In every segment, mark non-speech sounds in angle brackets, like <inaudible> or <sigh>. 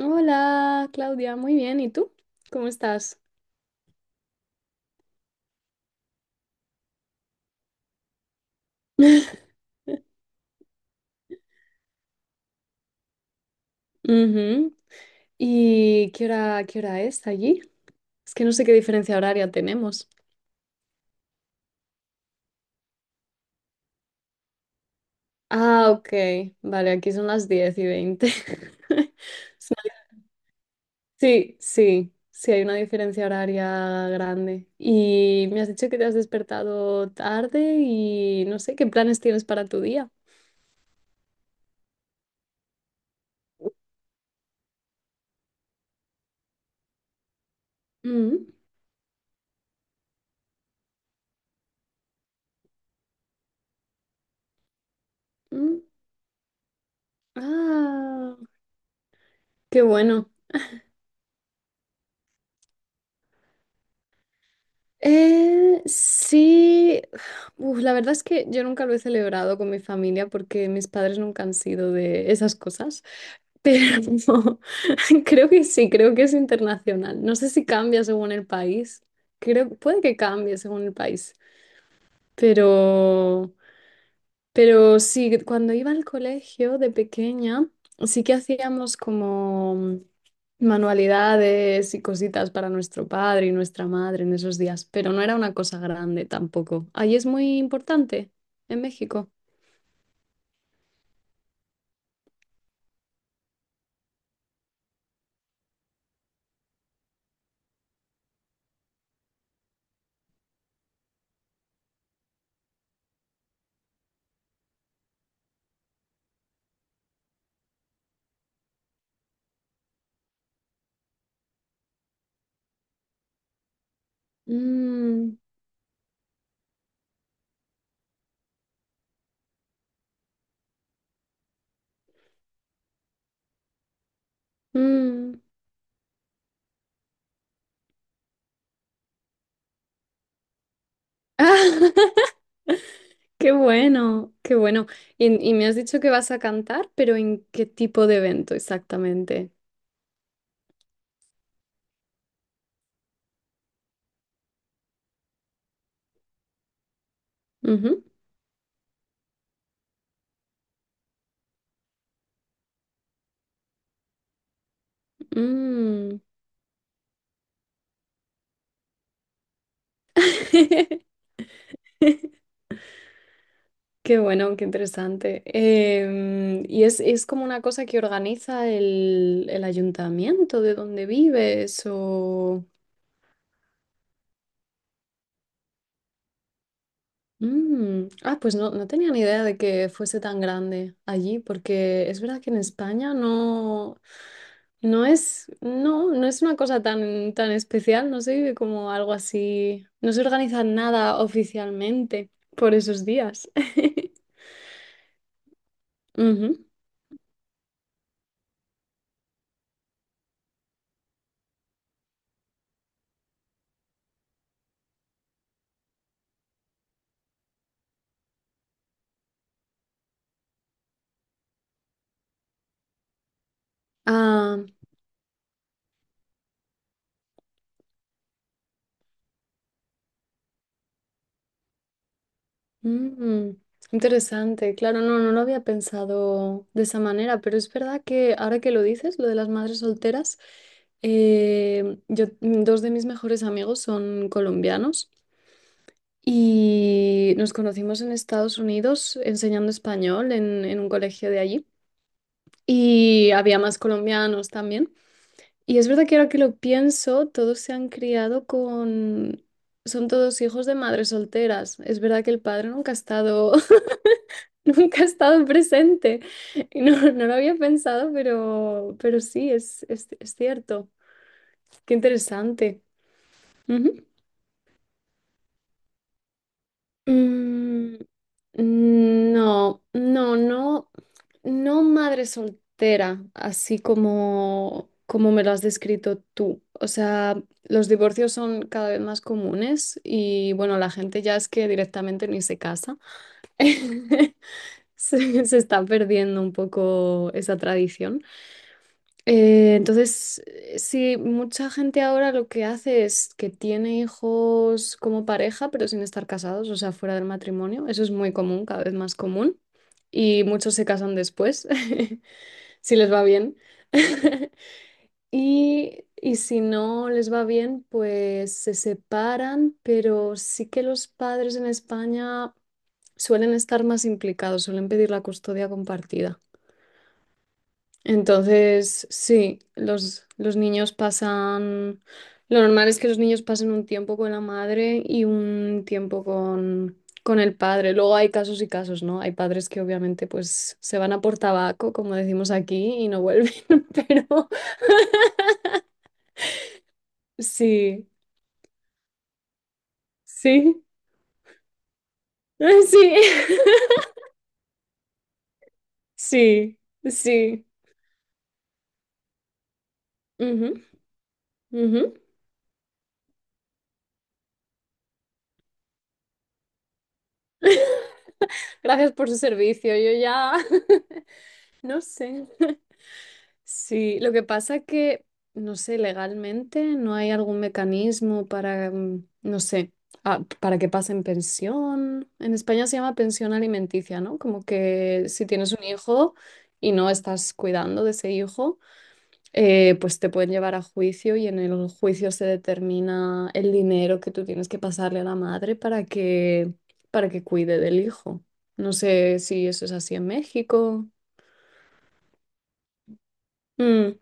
Hola, Claudia, muy bien. ¿Y tú? ¿Cómo estás? <laughs> Ujú. ¿Y qué hora es allí? Es que no sé qué diferencia horaria tenemos. Ah, ok. Vale, aquí son las 10:20. <laughs> Es una- Sí, sí, sí, hay una diferencia horaria grande. Y me has dicho que te has despertado tarde y no sé qué planes tienes para tu día. Mm, mm. Ah, qué bueno. Sí, uf, la verdad es que yo nunca lo he celebrado con mi familia porque mis padres nunca han sido de esas cosas, pero <laughs> creo que sí, creo que es internacional. No sé si cambia según el país, creo, puede que cambie según el país, pero... Pero sí, cuando iba al colegio de pequeña, sí que hacíamos como manualidades y cositas para nuestro padre y nuestra madre en esos días, pero no era una cosa grande tampoco. Ahí es muy importante, en México. Mm, mm. <laughs> Qué bueno, qué bueno. Y me has dicho que vas a cantar, pero ¿en qué tipo de evento exactamente? Ujú, mm. <laughs> Qué bueno, qué interesante. Y es como una cosa que organiza el ayuntamiento de donde vives o... Mm, ah, pues no, no tenía ni idea de que fuese tan grande allí, porque es verdad que en España no, no es, no, no es una cosa tan, tan especial, no se vive como algo así, no se organiza nada oficialmente por esos días. <laughs> Ujú. Ah, mm, interesante, claro, no, no lo había pensado de esa manera, pero es verdad que ahora que lo dices, lo de las madres solteras, yo, dos de mis mejores amigos son colombianos y nos conocimos en Estados Unidos enseñando español en un colegio de allí y había más colombianos también. Y es verdad que ahora que lo pienso, todos se han criado con... Son todos hijos de madres solteras. Es verdad que el padre nunca ha estado. <laughs> Nunca he estado presente. No, <laughs> no lo había pensado, pero sí, es cierto. Qué interesante. Ujú. Mm, mm, no, no, no, no madre soltera, así como, como me lo has descrito tú. O sea, los divorcios son cada vez más comunes y bueno, la gente ya es que directamente ni se casa. <laughs> Se está perdiendo un poco esa tradición. Entonces, sí, mucha gente ahora lo que hace es que tiene hijos como pareja, pero sin estar casados, o sea, fuera del matrimonio. Eso es muy común, cada vez más común. Y muchos se casan después, <laughs> si les va bien. <laughs> Y, y si no les va bien, pues se separan, pero sí que los padres en España suelen estar más implicados, suelen pedir la custodia compartida. Entonces, sí, los niños pasan, lo normal es que los niños pasen un tiempo con la madre y un tiempo con el padre. Luego hay casos y casos, ¿no? Hay padres que obviamente pues se van a por tabaco, como decimos aquí, y no vuelven, <laughs> pero sí, sí, <laughs> sí, sí, sí. Ujú, ujú. Gracias por su servicio, yo ya, <laughs> no sé. Sí, lo que pasa es que, no sé, legalmente no hay algún mecanismo para, no sé, ah, para que pasen pensión. En España se llama pensión alimenticia, ¿no? Como que si tienes un hijo y no estás cuidando de ese hijo, pues te pueden llevar a juicio y en el juicio se determina el dinero que tú tienes que pasarle a la madre para que cuide del hijo. No sé si eso es así en México. Mm,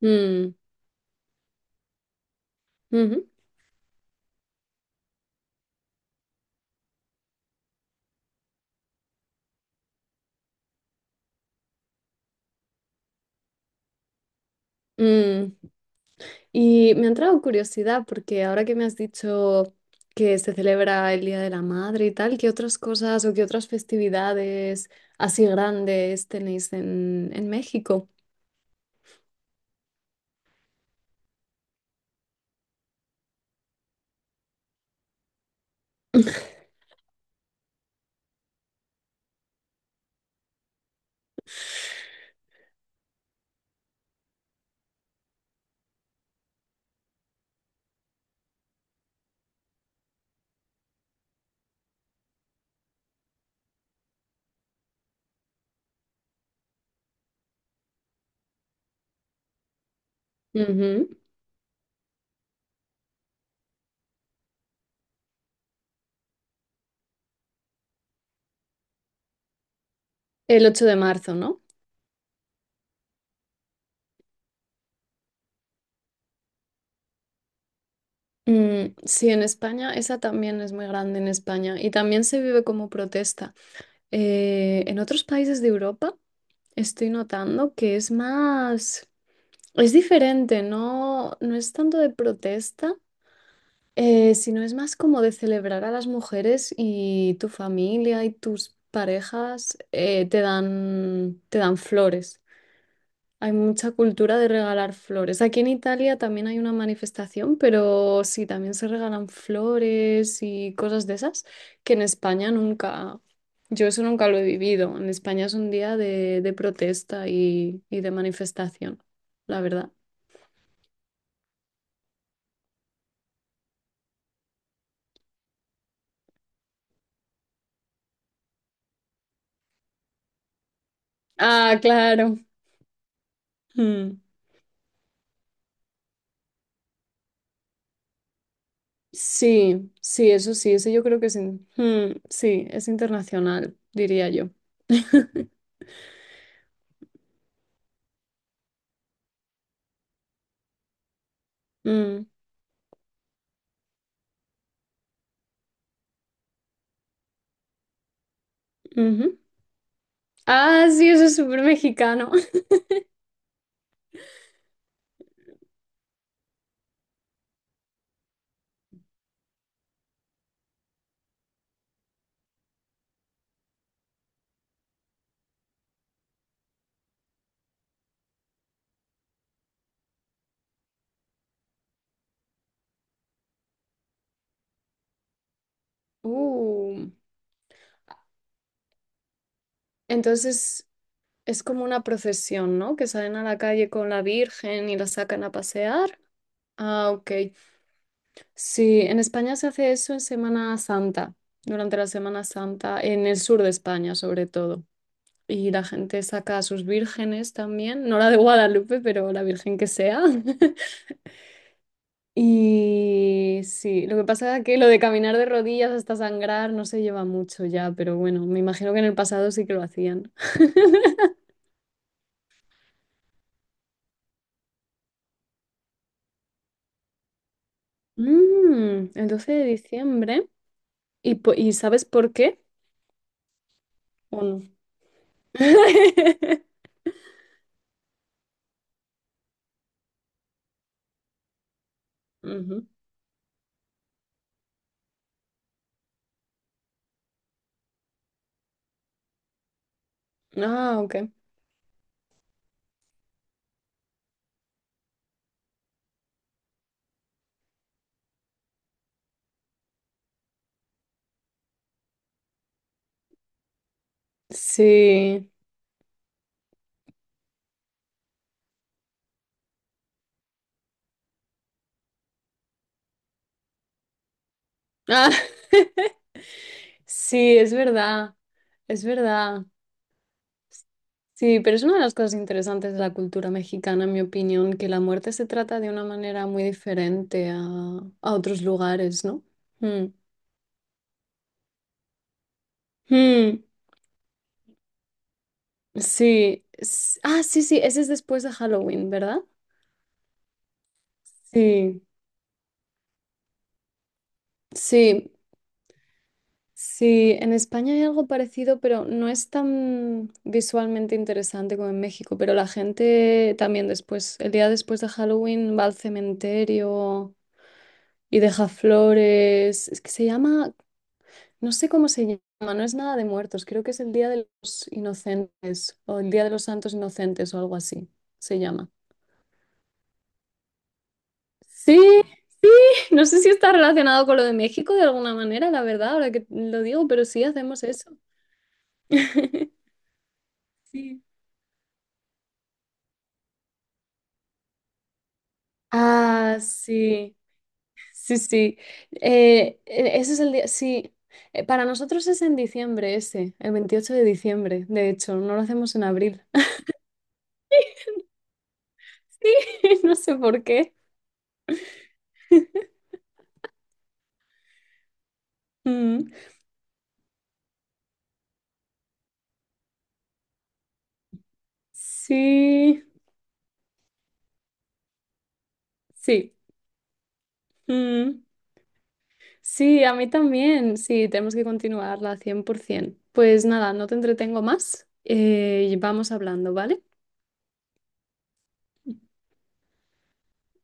mm, ujú, mm. Y me ha entrado curiosidad porque ahora que me has dicho que se celebra el Día de la Madre y tal, ¿qué otras cosas o qué otras festividades así grandes tenéis en México? <laughs> Ujú. El 8 de marzo, ¿no? Mm, sí, en España, esa también es muy grande en España y también se vive como protesta. En otros países de Europa estoy notando que es más, es diferente, no, no es tanto de protesta, si no es más como de celebrar a las mujeres y tu familia y tus parejas, te dan flores. Hay mucha cultura de regalar flores. Aquí en Italia también hay una manifestación, pero sí, también se regalan flores y cosas de esas que en España nunca, yo eso nunca lo he vivido. En España es un día de protesta y de manifestación, la verdad. Ah, claro. Mm. Sí, sí, eso sí, ese yo creo que es, in- sí, es internacional, diría yo. <laughs> Mm, ujú. Ah, sí, eso es súper mexicano. <laughs> Uh, entonces es como una procesión, ¿no? Que salen a la calle con la Virgen y la sacan a pasear. Ah, ok. Sí, en España se hace eso en Semana Santa, durante la Semana Santa, en el sur de España sobre todo. Y la gente saca a sus vírgenes también, no la de Guadalupe, pero la virgen que sea. <laughs> Y sí, lo que pasa es que lo de caminar de rodillas hasta sangrar no se lleva mucho ya, pero bueno, me imagino que en el pasado sí que lo hacían. Mm, el 12 de diciembre. ¿Y, po- y sabes por qué? ¿O no? <laughs> Ujú. Ah, ok. Sí. Ah, <laughs> sí, es verdad. Es verdad. Sí, pero es una de las cosas interesantes de la cultura mexicana, en mi opinión, que la muerte se trata de una manera muy diferente a otros lugares, ¿no? Mm. Mm, sí. s- Ah, sí, sí, ese es después de Halloween, ¿verdad? Sí, sí, sí. En España hay algo parecido, pero no es tan visualmente interesante como en México, pero la gente también después, el día después de Halloween, va al cementerio y deja flores. Es que se llama, no sé cómo se llama, no es nada de muertos, creo que es el Día de los Inocentes o el Día de los Santos Inocentes o algo así se llama. Sí, sí, no sé si está relacionado con lo de México de alguna manera, la verdad, ahora que lo digo, pero sí hacemos eso. <laughs> Sí. Ah, sí, sí, sí. Ese es el día, sí. Para nosotros es en diciembre ese, el 28 de diciembre, de hecho, no lo hacemos en abril. <laughs> Sí, no sé por qué. <laughs> Mm. Sí, sí. Mm. Sí, a mí también. Sí, tenemos que continuarla 100%. Pues nada, no te entretengo más. Y vamos hablando, ¿vale?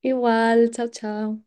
Igual, chao, chao.